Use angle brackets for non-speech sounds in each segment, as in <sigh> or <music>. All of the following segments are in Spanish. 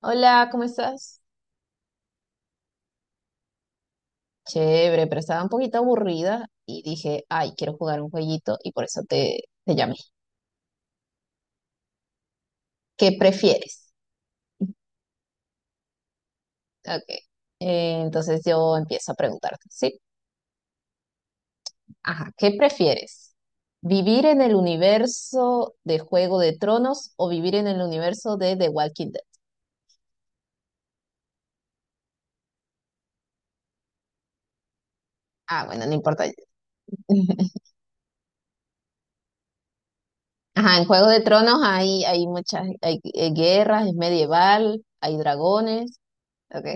Hola, ¿cómo estás? Chévere, pero estaba un poquito aburrida y dije, ay, quiero jugar un jueguito y por eso te llamé. ¿Qué prefieres? Ok. Entonces yo empiezo a preguntarte, ¿sí? Ajá, ¿qué prefieres? ¿Vivir en el universo de Juego de Tronos o vivir en el universo de The Walking Dead? Ah, bueno, no importa. <laughs> Ajá, en Juego de Tronos hay muchas, hay guerras, es medieval, hay dragones. Ok,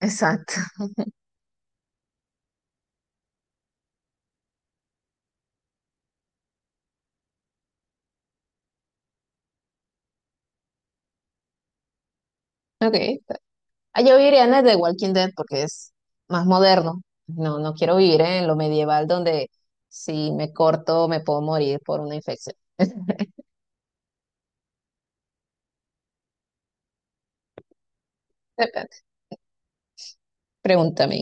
<laughs> exacto. Ok. Ah, yo viviría en el de Walking Dead porque es más moderno. No, no quiero vivir en lo medieval donde si me corto me puedo morir por una infección. Depende. Pregúntame.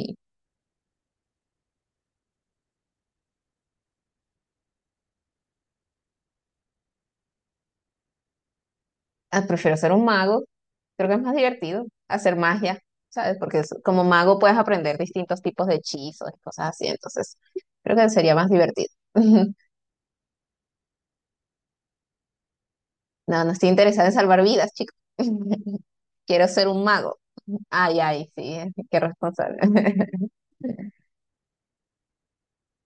Ah, prefiero ser un mago. Creo que es más divertido hacer magia, ¿sabes? Porque como mago puedes aprender distintos tipos de hechizos y cosas así. Entonces, creo que sería más divertido. <laughs> No, no estoy interesada en salvar vidas, chicos. <laughs> Quiero ser un mago. Ay, ay, sí, qué responsable. <laughs>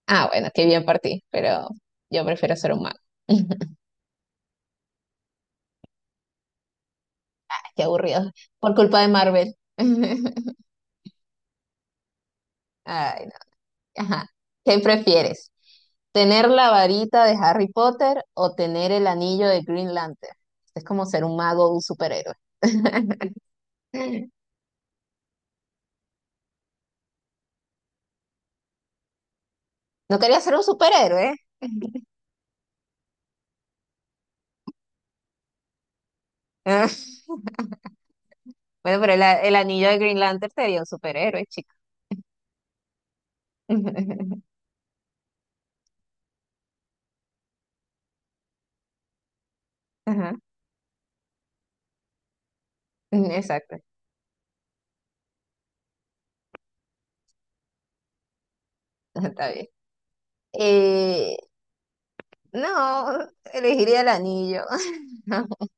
Ah, bueno, qué bien por ti, pero yo prefiero ser un mago. <laughs> Qué aburrido. Por culpa de Marvel. <laughs> Ay, no. Ajá. ¿Qué prefieres? ¿Tener la varita de Harry Potter o tener el anillo de Green Lantern? Es como ser un mago o un superhéroe. <laughs> No quería ser un superhéroe. <laughs> Bueno, pero el anillo de Green Lantern sería un superhéroe, chico. <laughs> Ajá, exacto, <laughs> está bien. Eh, no, elegiría el anillo. <laughs>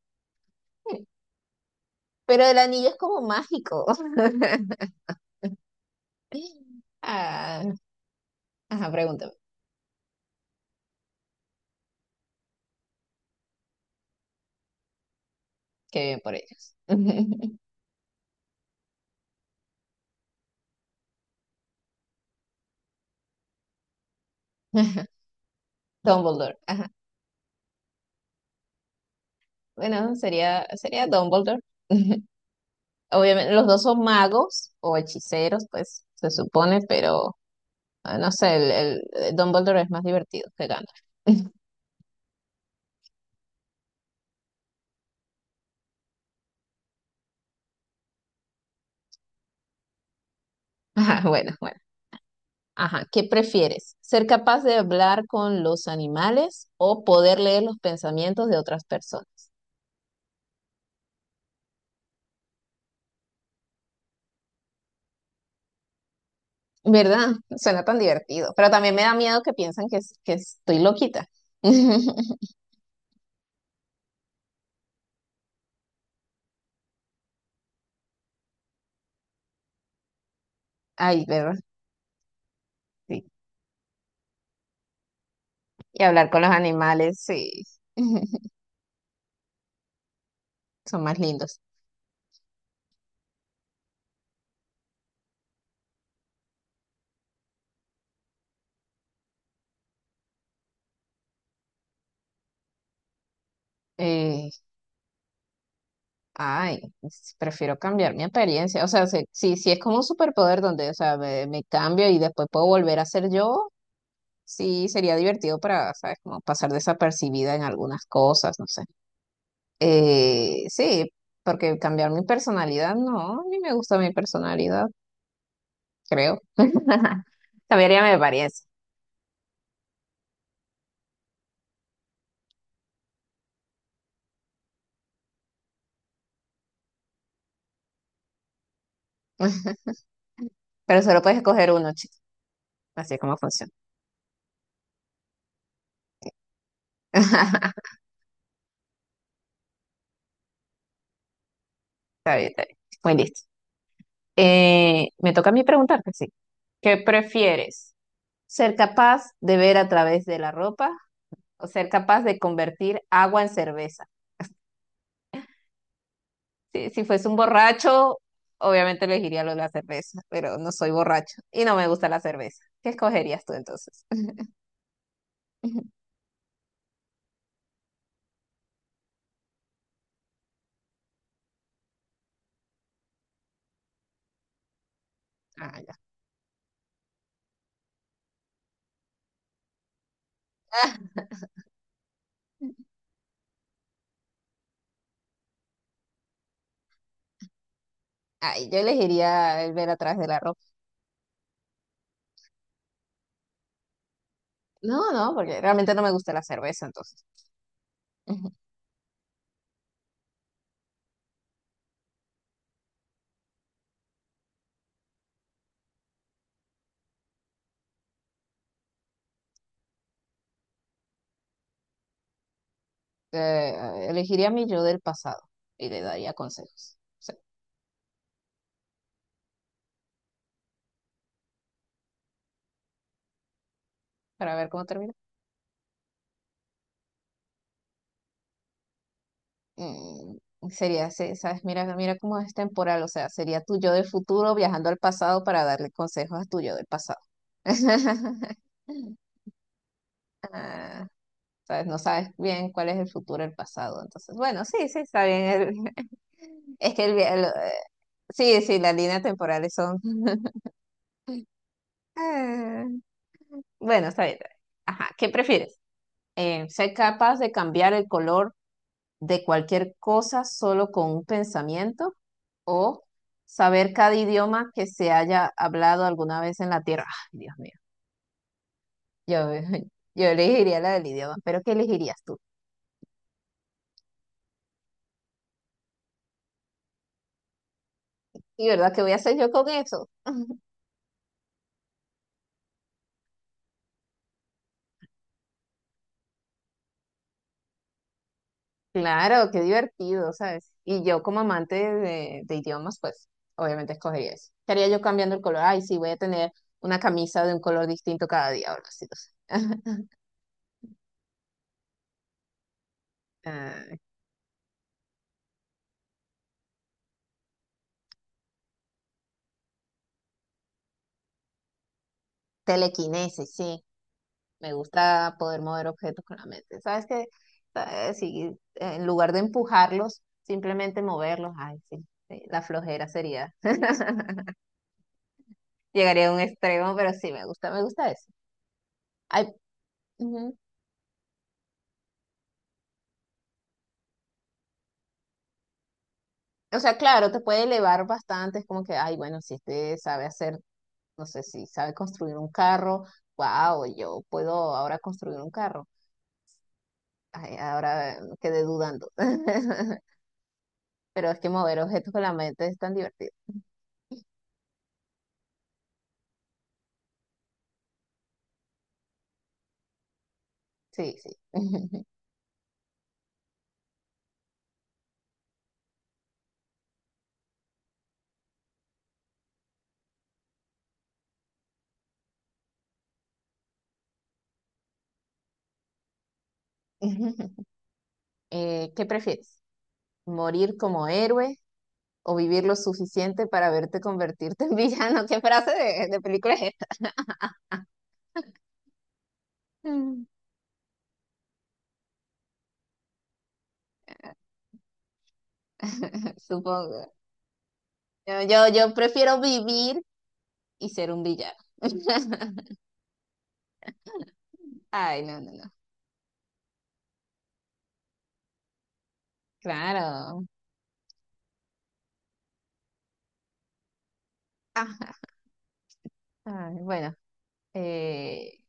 Pero el anillo es como mágico. <laughs> Ah, ajá, pregúntame. Qué bien por ellos. <laughs> Dumbledore. Ajá. Bueno, sería Dumbledore. <laughs> Obviamente, los dos son magos o hechiceros, pues se supone, pero ah, no sé, el Dumbledore es más divertido que Gandalf. <laughs> Ajá, bueno, bueno. Ajá, ¿qué prefieres? ¿Ser capaz de hablar con los animales o poder leer los pensamientos de otras personas? ¿Verdad? Suena tan divertido, pero también me da miedo que piensan que, que estoy loquita. <laughs> Ay, ¿verdad? Sí. Y hablar con los animales, sí, <laughs> son más lindos. Eh, Ay, prefiero cambiar mi apariencia. O sea, si, si es como un superpoder donde, o sea, me cambio y después puedo volver a ser yo, sí sería divertido para, ¿sabes? Como pasar desapercibida en algunas cosas, no sé. Eh, sí, porque cambiar mi personalidad, no, a mí me gusta mi personalidad. Creo. <laughs> Cambiaría mi apariencia. <laughs> Pero solo puedes escoger uno, chico. Así es como funciona. <laughs> Está bien, está bien. Muy listo. Me toca a mí preguntarte, sí. ¿Qué prefieres? ¿Ser capaz de ver a través de la ropa o ser capaz de convertir agua en cerveza? Si, si fuese un borracho, obviamente elegiría lo de la cerveza, pero no soy borracho y no me gusta la cerveza. ¿Qué escogerías tú entonces? <laughs> Ah, ya. <laughs> Ay, yo elegiría el ver a través de la ropa. No, no, porque realmente no me gusta la cerveza, entonces. Ujú. Elegiría a mi yo del pasado y le daría consejos. Sí, para ver cómo termina. Mm, sería, ese, ¿sabes? Mira, mira cómo es temporal, o sea, sería tu yo del futuro viajando al pasado para darle consejos a tu yo del pasado. <laughs> Ah, ¿sabes? No sabes bien cuál es el futuro del pasado, entonces, bueno, sí, sí, está bien. el- <laughs> es que sí, sí, las líneas temporales son... <laughs> Ah. Bueno, está bien. Está bien. Ajá, ¿qué prefieres? ¿Ser capaz de cambiar el color de cualquier cosa solo con un pensamiento? ¿O saber cada idioma que se haya hablado alguna vez en la Tierra? Ay, Dios mío, yo, <laughs> yo elegiría la del idioma, pero ¿qué elegirías tú? ¿Y verdad qué voy a hacer yo con eso? <laughs> Claro, qué divertido, ¿sabes? Y yo como amante de idiomas, pues obviamente escogería eso. ¿Qué haría yo cambiando el color? Ay, sí, voy a tener una camisa de un color distinto cada día, o algo así, no sé. <laughs> Ah, telequinesis, sí. Me gusta poder mover objetos con la mente. ¿Sabes qué? Sí, en lugar de empujarlos, simplemente moverlos. Ay, sí. Sí, la flojera sería. <laughs> Llegaría a un extremo, pero sí, me gusta eso. Ay, ujú. O sea, claro, te puede elevar bastante. Es como que, ay, bueno, si este sabe hacer, no sé, si sabe construir un carro, wow, yo puedo ahora construir un carro. Ay, ahora quedé dudando. <laughs> Pero es que mover objetos con la mente es tan divertido. Sí, sí. <laughs> ¿Qué prefieres? ¿Morir como héroe o vivir lo suficiente para verte convertirte en villano? <laughs> ¿Qué frase de película es esta? Mm. <laughs> Supongo. Yo prefiero vivir y ser un villano. <laughs> Ay, no, no, no. Claro. Ajá. Ay, bueno, eh,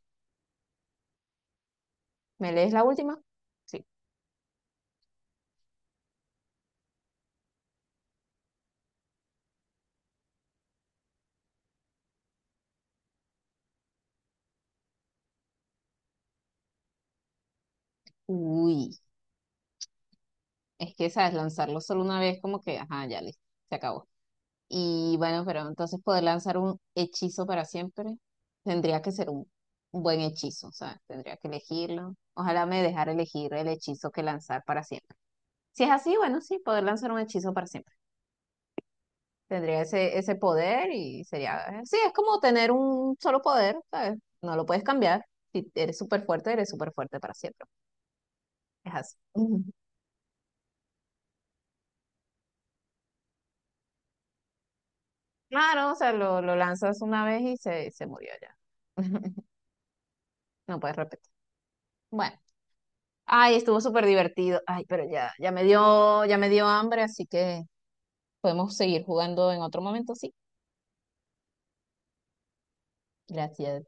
¿me lees la última? Sí. Uy, es que sabes, lanzarlo solo una vez, como que, ajá, ya listo, se acabó. Y bueno, pero entonces poder lanzar un hechizo para siempre tendría que ser un buen hechizo, o sea, tendría que elegirlo. Ojalá me dejara elegir el hechizo que lanzar para siempre. Si es así, bueno, sí, poder lanzar un hechizo para siempre. Tendría ese, ese poder y sería, sí, es como tener un solo poder, ¿sabes? No lo puedes cambiar. Si eres súper fuerte, eres súper fuerte para siempre. Es así. Ujú. Claro, o sea, lo lanzas una vez y se murió ya. <laughs> No puedes repetir. Bueno. Ay, estuvo súper divertido. Ay, pero ya, ya me dio hambre, así que podemos seguir jugando en otro momento, sí. Gracias.